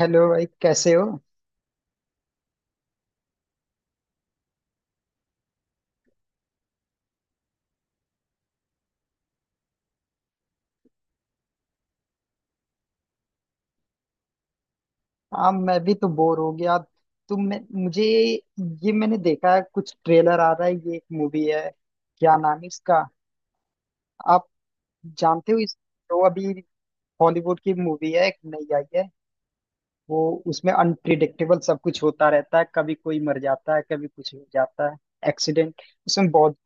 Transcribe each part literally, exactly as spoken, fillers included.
Hello भाई, कैसे हो। हाँ, मैं भी तो बोर हो गया। तुम मुझे ये मैंने देखा है, कुछ ट्रेलर आ रहा है, ये एक मूवी है। क्या नाम है इसका? आप जानते हो इस? तो अभी हॉलीवुड की मूवी है, एक नई आई है। वो उसमें अनप्रिडिक्टेबल सब कुछ होता रहता है, कभी कोई मर जाता है, कभी कुछ हो जाता है। एक्सीडेंट उसमें बहुत।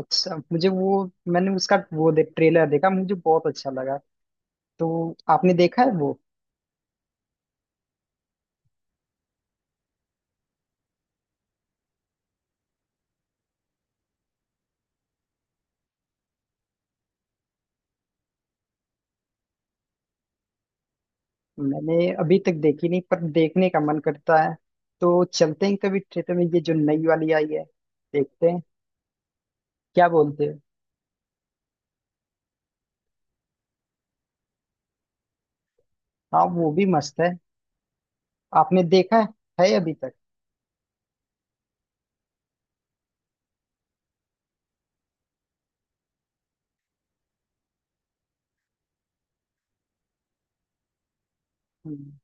अच्छा, मुझे वो मैंने उसका वो देख ट्रेलर देखा, मुझे बहुत अच्छा लगा। तो आपने देखा है वो? मैंने अभी तक देखी नहीं, पर देखने का मन करता है। तो चलते हैं कभी थिएटर में, ये जो नई वाली आई है, देखते हैं। क्या बोलते हो? हाँ, वो भी मस्त है। आपने देखा है है अभी तक? हम्म,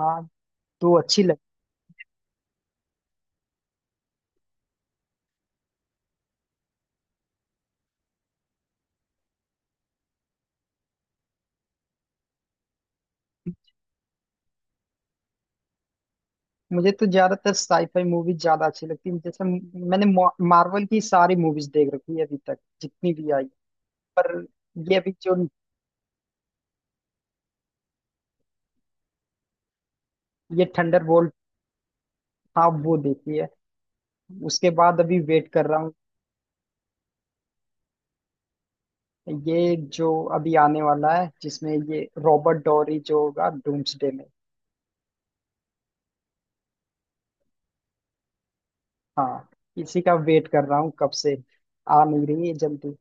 हाँ। तो अच्छी लगती। मुझे तो ज्यादातर साईफाई मूवी ज्यादा अच्छी लगती है, जैसे म- मैंने मार्वल की सारी मूवीज देख रखी है, अभी तक जितनी भी आई। पर ये अभी जो, ये थंडर बोल्ट। हाँ, वो देखी है। उसके बाद अभी वेट कर रहा हूँ। ये जो अभी आने वाला है, जिसमें ये रॉबर्ट डॉरी जो होगा डूम्सडे में। हाँ, इसी का वेट कर रहा हूँ कब से, आ नहीं रही है जल्दी।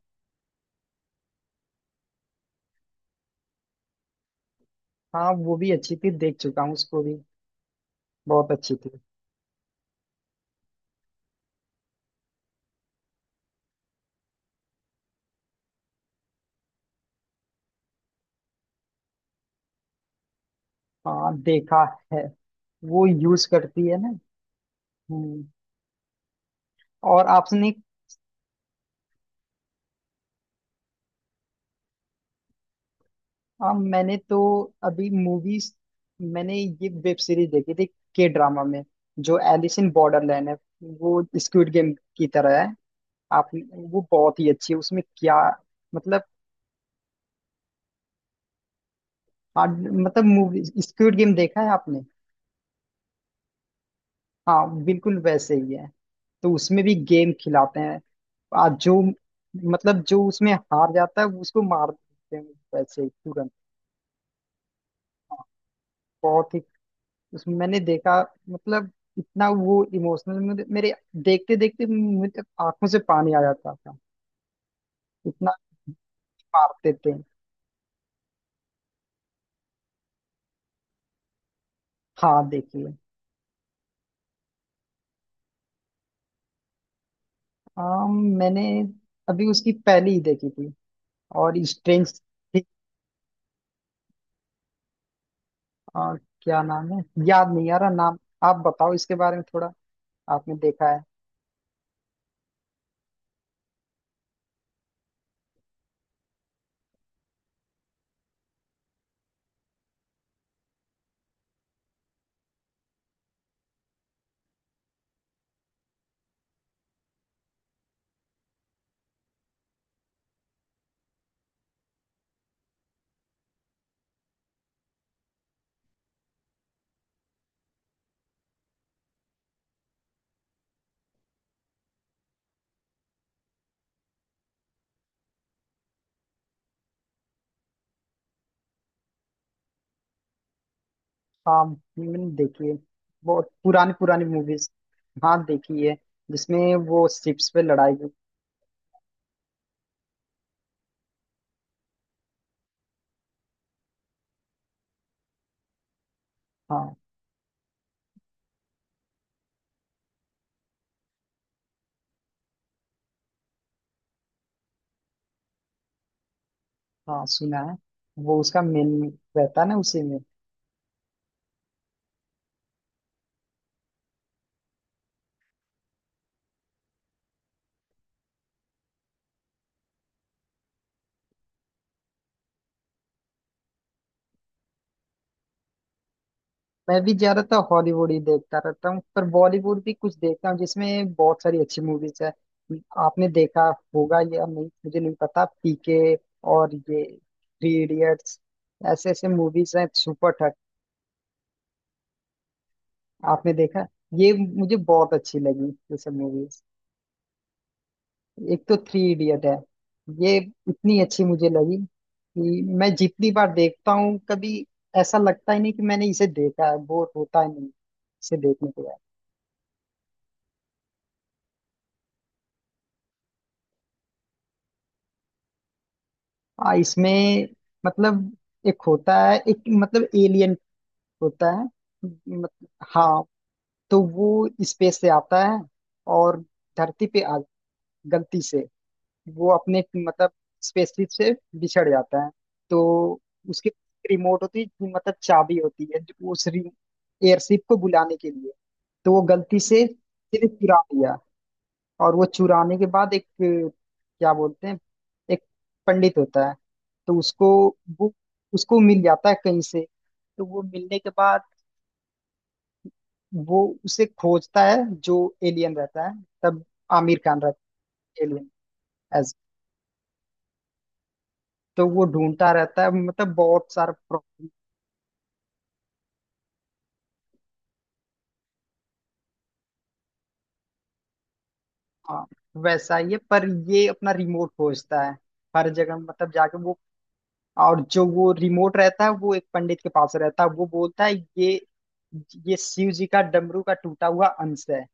हाँ, वो भी अच्छी थी, देख चुका हूँ उसको भी, बहुत अच्छी थी। हाँ, देखा है, वो यूज करती है ना। हम्म। और आपने? हाँ, मैंने तो अभी मूवीज मैंने ये वेब सीरीज देखी थी, के ड्रामा में, जो एलिस इन बॉर्डरलैंड है, वो स्क्विड गेम की तरह है। आप, वो बहुत ही अच्छी है। उसमें क्या, मतलब, हाँ। मतलब मूवी स्क्विड गेम देखा है आपने? हाँ, बिल्कुल वैसे ही है। तो उसमें भी गेम खिलाते हैं। आ, जो मतलब, जो उसमें हार जाता है उसको मार देते हैं, वैसे ही तुरंत। बहुत ही, उस मैंने देखा, मतलब इतना वो इमोशनल, मेरे, मेरे देखते देखते मुझे आंखों से पानी आ जाता था, इतना मारते थे। हाँ, देखिए। हाँ, मैंने अभी उसकी पहली ही देखी थी, और स्ट्रेंज। हाँ, क्या नाम है, याद नहीं आ रहा नाम। आप बताओ इसके बारे में थोड़ा, आपने देखा है? हाँ, मैंने देखी है, बहुत पुरानी पुरानी मूवीज। हाँ, देखी है, जिसमें वो शिप्स पे लड़ाई हुई। हाँ, हाँ सुना है। वो उसका मेन रहता है ना उसी में। मैं भी ज्यादातर हॉलीवुड ही देखता रहता हूँ, पर बॉलीवुड भी कुछ देखता हूँ, जिसमें बहुत सारी अच्छी मूवीज है। आपने देखा होगा या नहीं मुझे नहीं पता, पीके और ये थ्री इडियट्स, ऐसे ऐसे मूवीज हैं सुपर। आपने देखा ये? मुझे बहुत अच्छी लगी ये सब मूवीज। एक तो थ्री इडियट है, ये इतनी अच्छी मुझे लगी कि मैं जितनी बार देखता हूँ, कभी ऐसा लगता ही नहीं कि मैंने इसे देखा है, बोर होता ही नहीं इसे देखने के बाद। आ, इसमें मतलब, एक होता है, एक मतलब एलियन होता है, मतलब, हाँ। तो वो स्पेस से आता है और धरती पे आ, गलती से वो अपने, मतलब स्पेसशिप से, बिछड़ जाता है। तो उसके रिमोट होती है, मतलब चाबी होती है, जो उस एयरशिप को बुलाने के लिए। तो वो गलती से सिर्फ चुरा लिया। और वो चुराने के बाद एक, अ, क्या बोलते हैं, एक पंडित होता है, तो उसको, वो उसको मिल जाता है कहीं से। तो वो मिलने के बाद वो उसे खोजता है, जो एलियन रहता है। तब आमिर खान रहता है एलियन। तो वो ढूंढता रहता है, मतलब बहुत सारा प्रॉब्लम। हाँ, वैसा ही है पर, ये अपना रिमोट खोजता है हर जगह, मतलब जाके वो। और जो वो रिमोट रहता है, वो एक पंडित के पास रहता है। वो बोलता है ये ये शिव जी का डमरू का टूटा हुआ अंश है,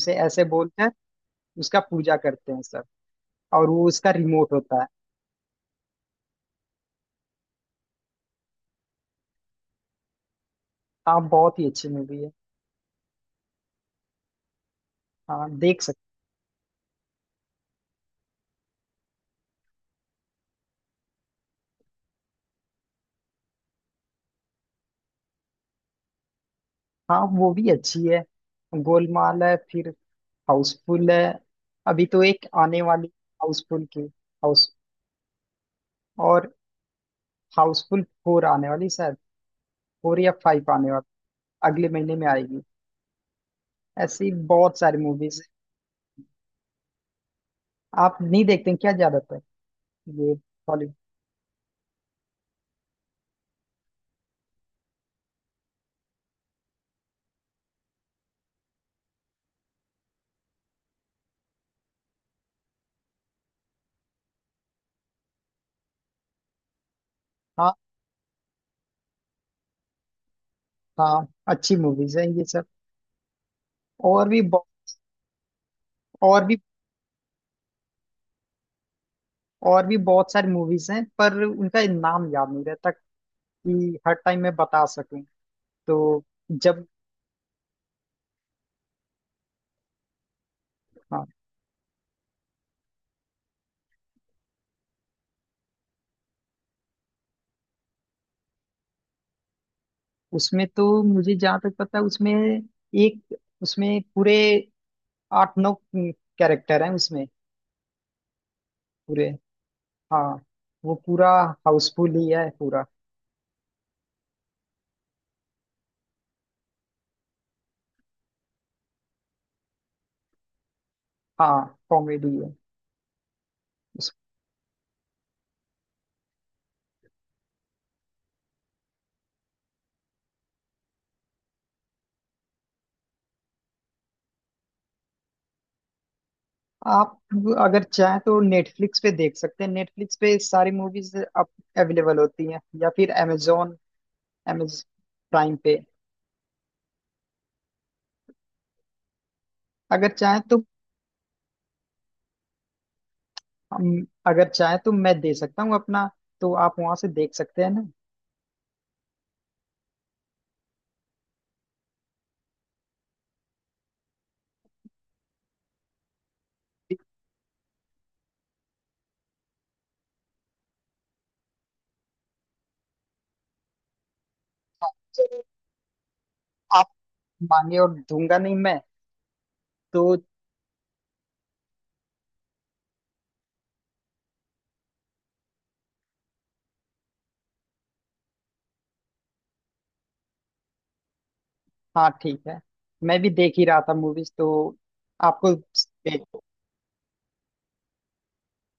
उसे ऐसे बोलकर उसका पूजा करते हैं सब, और वो उसका रिमोट होता है। हाँ, बहुत ही अच्छी मूवी है। हाँ, देख सकते। हाँ, वो भी अच्छी है। गोलमाल है, फिर हाउसफुल है। अभी तो एक आने वाली हाउसफुल की, और हाउसफुल फोर आने वाली शायद, फोर या फाइव आने वाली, अगले महीने में आएगी। ऐसी बहुत सारी मूवीज। आप नहीं देखते हैं क्या ज्यादातर ये बॉलीवुड? हाँ, हाँ अच्छी मूवीज हैं ये सब, और भी बहु- और भी, और भी बहुत सारी मूवीज हैं पर उनका नाम याद नहीं रहता कि हर टाइम मैं बता सकूं। तो जब, हाँ। उसमें तो मुझे जहाँ तक पता है, उसमें एक, उसमें पूरे आठ नौ कैरेक्टर हैं उसमें पूरे। हाँ, वो पूरा हाउसफुल ही है पूरा। हाँ, कॉमेडी है। उस- आप अगर चाहें तो नेटफ्लिक्स पे देख सकते हैं। नेटफ्लिक्स पे सारी मूवीज अब अवेलेबल होती हैं, या फिर amazon amazon प्राइम पे, अगर चाहें तो। हम- अगर चाहें तो मैं दे सकता हूँ अपना, तो आप वहां से देख सकते हैं ना। चलो, आप मांगे और दूंगा नहीं मैं, तो। हाँ, ठीक है। मैं भी देख ही रहा था मूवीज, तो आपको।